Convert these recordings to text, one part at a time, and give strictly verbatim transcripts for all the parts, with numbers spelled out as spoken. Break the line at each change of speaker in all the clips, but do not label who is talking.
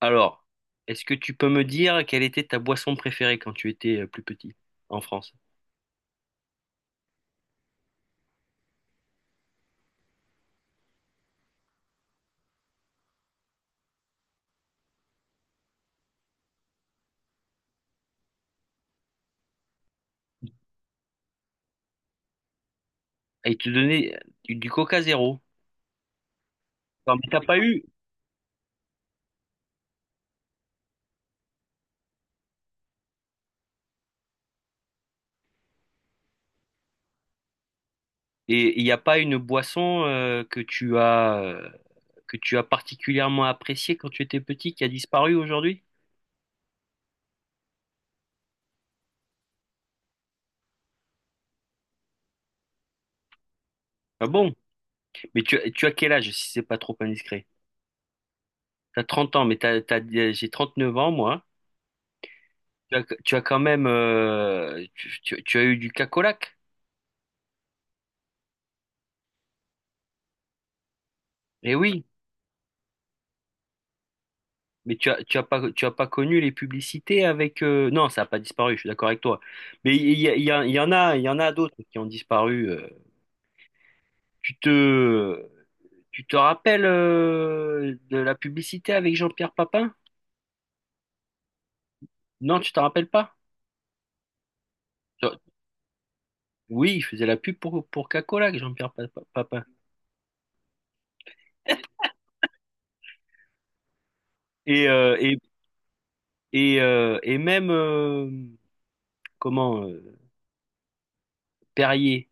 Alors, est-ce que tu peux me dire quelle était ta boisson préférée quand tu étais euh, plus petit en France? Et ils te donnaient du, du Coca zéro. Non, mais t'as pas eu. Et il n'y a pas une boisson euh, que tu as euh, que tu as particulièrement appréciée quand tu étais petit qui a disparu aujourd'hui? Ah bon? Mais tu, tu as quel âge si c'est pas trop indiscret? T'as trente ans, mais t'as, t'as- j'ai trente-neuf ans moi, hein. Tu as, tu as quand même euh, tu, tu- tu as eu du cacolac? Eh oui. Mais tu as, tu as pas, tu as pas connu les publicités avec... euh, Non, ça n'a pas disparu, je suis d'accord avec toi. Mais il y, a- il y, a- il y en a, il y en a d'autres qui ont disparu. euh. Tu te, tu te rappelles euh, de la publicité avec Jean-Pierre Papin? Non, tu te rappelles pas? Genre, oui, il faisait la pub pour, pour Coca-Cola, Jean-Pierre Pa- Pa- Papin. Et, euh, et, et, euh, et même, euh, comment, euh, Perrier.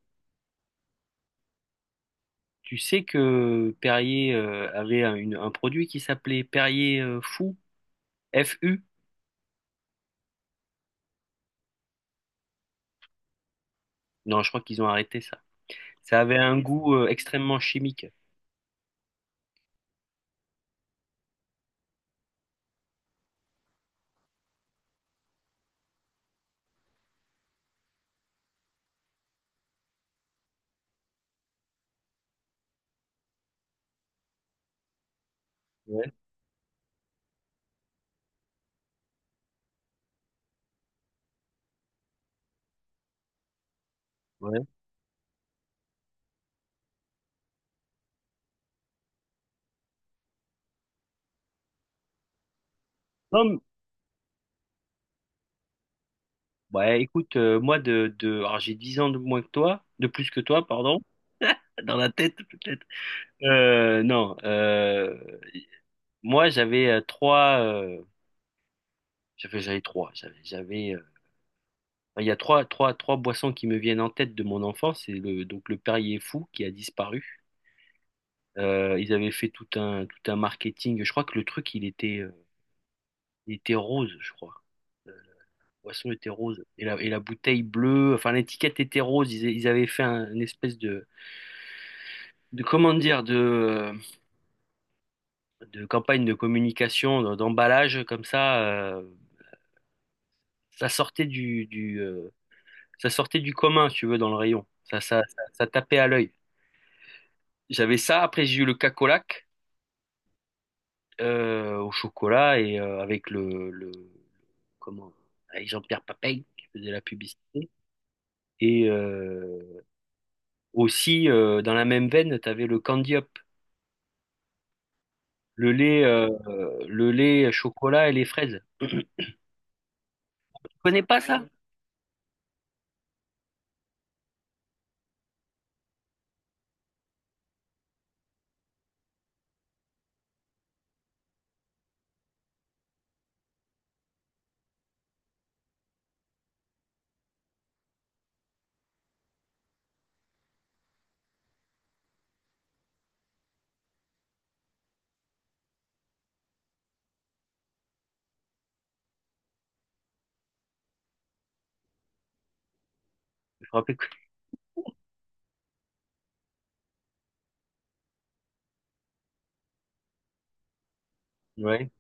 Tu sais que Perrier euh, avait un, une- un produit qui s'appelait Perrier euh, Fou, F U. Non, je crois qu'ils ont arrêté ça. Ça avait un goût euh, extrêmement chimique. Ouais, ouais. Non, mais- ouais, écoute, euh, moi, de, de, alors j'ai dix ans de moins que toi, de plus que toi, pardon, dans la tête, peut-être. Euh, non, euh, moi, j'avais euh, trois, euh, j'avais, j'avais trois, j'avais, j'avais, euh, il y a trois, trois, trois boissons qui me viennent en tête de mon enfance. C'est le, donc le Perrier Fou qui a disparu. Euh, ils avaient fait tout un, tout un marketing. Je crois que le truc, il était, euh, il était rose, je crois. boisson était rose. Et la, et la bouteille bleue, enfin l'étiquette était rose. Ils, ils avaient fait un, une espèce de, de comment dire, de, de campagne de communication, d'emballage comme ça. euh, ça sortait du, du, euh, ça sortait du commun, si tu veux, dans le rayon. Ça, ça, ça, ça tapait à l'œil. J'avais ça. Après, j'ai eu le cacolac euh, au chocolat et euh, avec le, le comment, avec Jean-Pierre Papin qui faisait la publicité. Et euh, aussi, euh, dans la même veine, tu avais le candy-up. Le lait, euh, le lait chocolat et les fraises. Tu connais pas ça? Je me rappelle que- Ouais.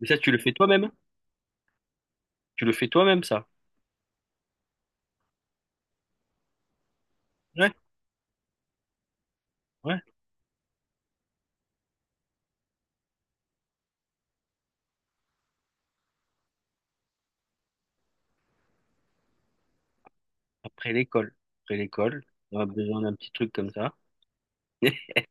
Mais ça, tu le fais toi-même? Tu le fais toi-même, ça? Ouais, ouais. Après l'école. Après l'école, on a besoin d'un petit truc comme ça.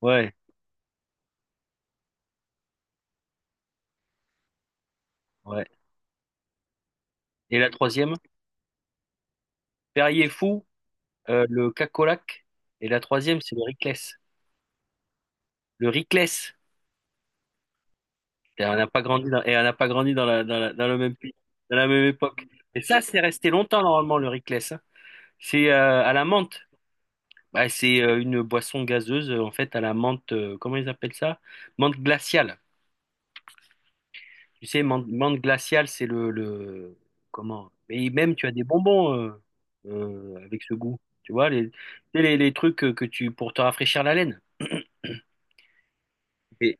Ouais, ouais. Et la troisième, Perrier Fou, euh, le cacolac. Et la troisième, c'est le Ricless. Le Ricless. Et on n'a pas grandi dans, et on n'a pas grandi dans la, dans la, dans le même pays, dans la même époque. Et ça, c'est resté longtemps, normalement, le Ricless, hein. C'est euh, à la menthe. Bah, c'est euh, une boisson gazeuse, euh, en fait, à la menthe, euh, comment ils appellent ça? Menthe glaciale. Tu sais, menthe, menthe glaciale, c'est le, le... Comment? Et même, tu as des bonbons euh, euh, avec ce goût. Tu vois, les, tu sais, les, les trucs que, que tu... pour te rafraîchir la laine. Et,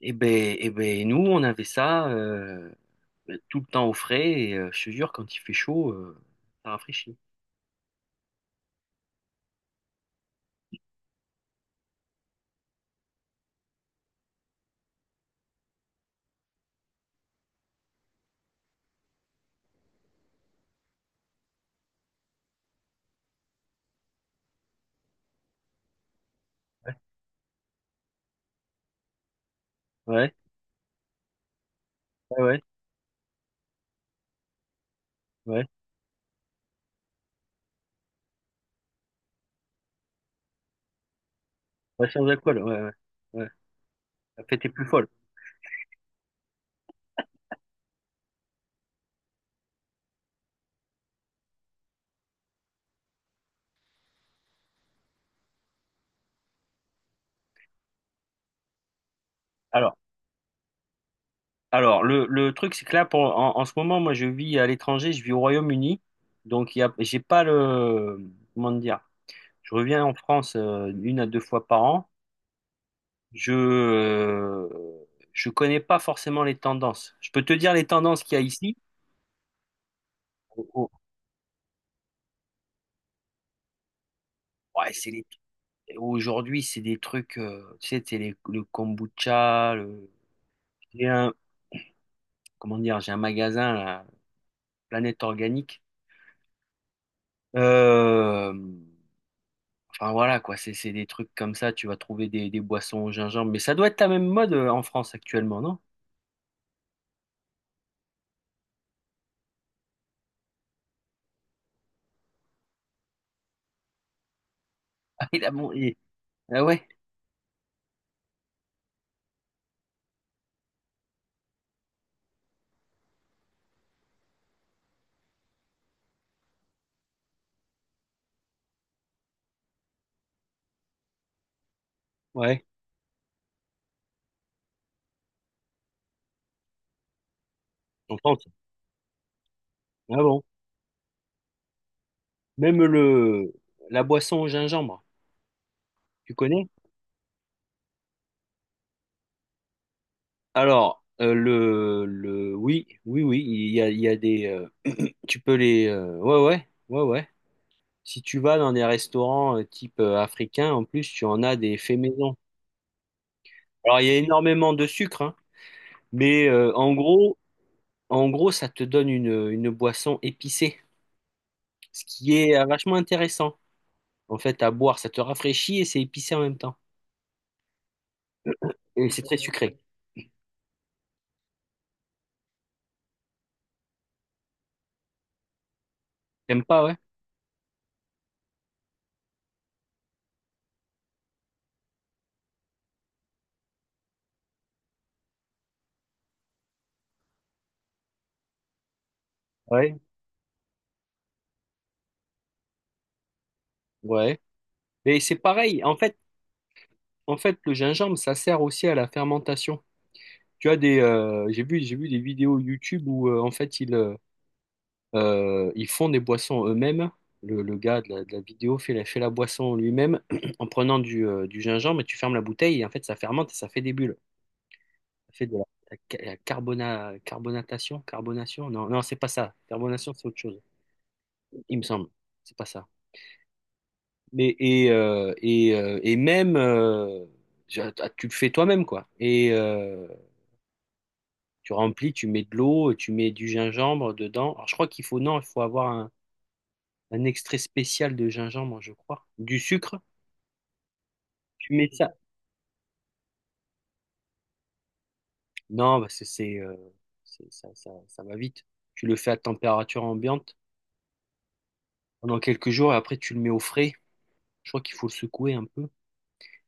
et ben, et ben, nous, on avait ça euh, ben, tout le temps au frais. Et euh, je te jure, quand il fait chaud, euh, ça rafraîchit. Ouais, ouais, ouais, ouais. Ouais, sans alcool, ouais, ouais, ouais. La fête est plus folle. Alors, Alors, le, le truc, c'est que là, pour, en, en ce moment, moi, je vis à l'étranger, je vis au Royaume-Uni. Donc, il y a, j'ai pas le. Comment dire? Je reviens en France euh, une à deux fois par an. Je euh, je connais pas forcément les tendances. Je peux te dire les tendances qu'il y a ici. Oh, oh, ouais, c'est les- Aujourd'hui, c'est des trucs. euh, tu sais, c'est les- le kombucha. Le... J'ai un, comment dire? J'ai un magasin, la Planète Organique. Euh, Enfin voilà quoi, c'est c'est des trucs comme ça, tu vas trouver des, des boissons au gingembre, mais ça doit être la même mode euh, en France actuellement, non? Ah, il a bon, il- ah ouais, ouais, en France. Ah bon. Même le la boisson au gingembre, tu connais? Alors euh, le le oui, oui oui, il y a il y a des euh, tu peux les euh, ouais ouais, ouais ouais. Si tu vas dans des restaurants euh, type euh, africain, en plus tu en as des faits maison. Alors il y a énormément de sucre, hein, mais euh, en gros en gros, ça te donne une, une boisson épicée, ce qui est euh, vachement intéressant, en fait, à boire. Ça te rafraîchit et c'est épicé en même temps. Et c'est très sucré. T'aimes pas, ouais? Ouais. Ouais. Mais c'est pareil. En fait, en fait, le gingembre, ça sert aussi à la fermentation. Tu as des, euh, j'ai vu, j'ai vu des vidéos YouTube où, euh, en fait, ils, euh, euh, ils font des boissons eux-mêmes. Le, le gars de la, de la vidéo fait la, fait la boisson lui-même en prenant du, euh, du gingembre et tu fermes la bouteille et en fait, ça fermente et ça fait des bulles. fait de la, la la carbona- carbonatation, carbonation? Non, non, c'est pas ça. Carbonation, c'est autre chose, il me semble. C'est pas ça. Mais et euh, et, euh, et même euh, tu tu le fais toi-même quoi. Et euh, tu remplis, tu mets de l'eau, tu mets du gingembre dedans. Alors je crois qu'il faut non, il faut avoir un, un extrait spécial de gingembre, je crois. Du sucre, tu mets ça. Non, parce que c'est euh, c'est- ça, ça ça va vite. Tu le fais à température ambiante pendant quelques jours et après tu le mets au frais. Je crois qu'il faut le secouer un peu.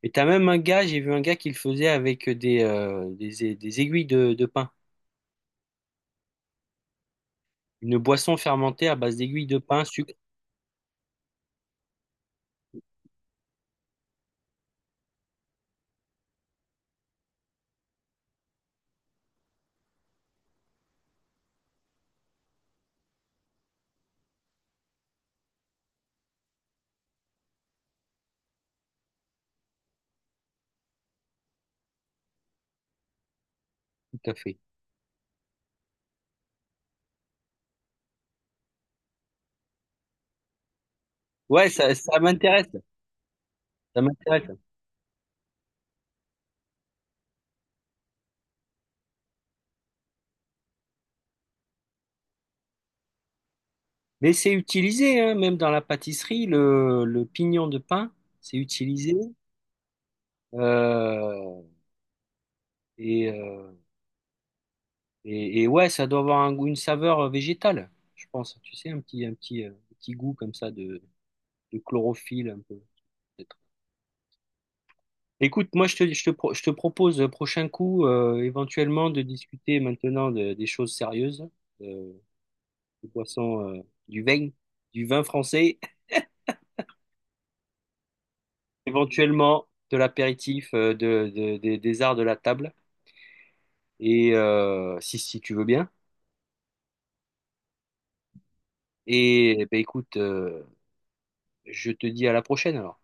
Et t'as même un gars, j'ai vu un gars qui le faisait avec des, euh, des, a- des aiguilles de, de pain. Une boisson fermentée à base d'aiguilles de pain, sucre tout café. Ouais, ça, ça m'intéresse. Ça m'intéresse. Mais c'est utilisé, hein, même dans la pâtisserie, le, le pignon de pain, c'est utilisé. Euh, et, euh, et, et ouais, ça doit avoir un goût- une saveur végétale, je pense. Tu sais, un petit, un petit, euh, petit goût comme ça de, de chlorophylle un peu. Écoute, moi, je te, je te, pro- je te propose euh, prochain coup, euh, éventuellement, de discuter maintenant de- des choses sérieuses, euh, des boissons, euh, du vin, du vin, français, éventuellement de l'apéritif, euh, de, de- des des arts de la table, et euh, si, si tu veux bien. Et eh ben écoute, euh, je te dis à la prochaine alors.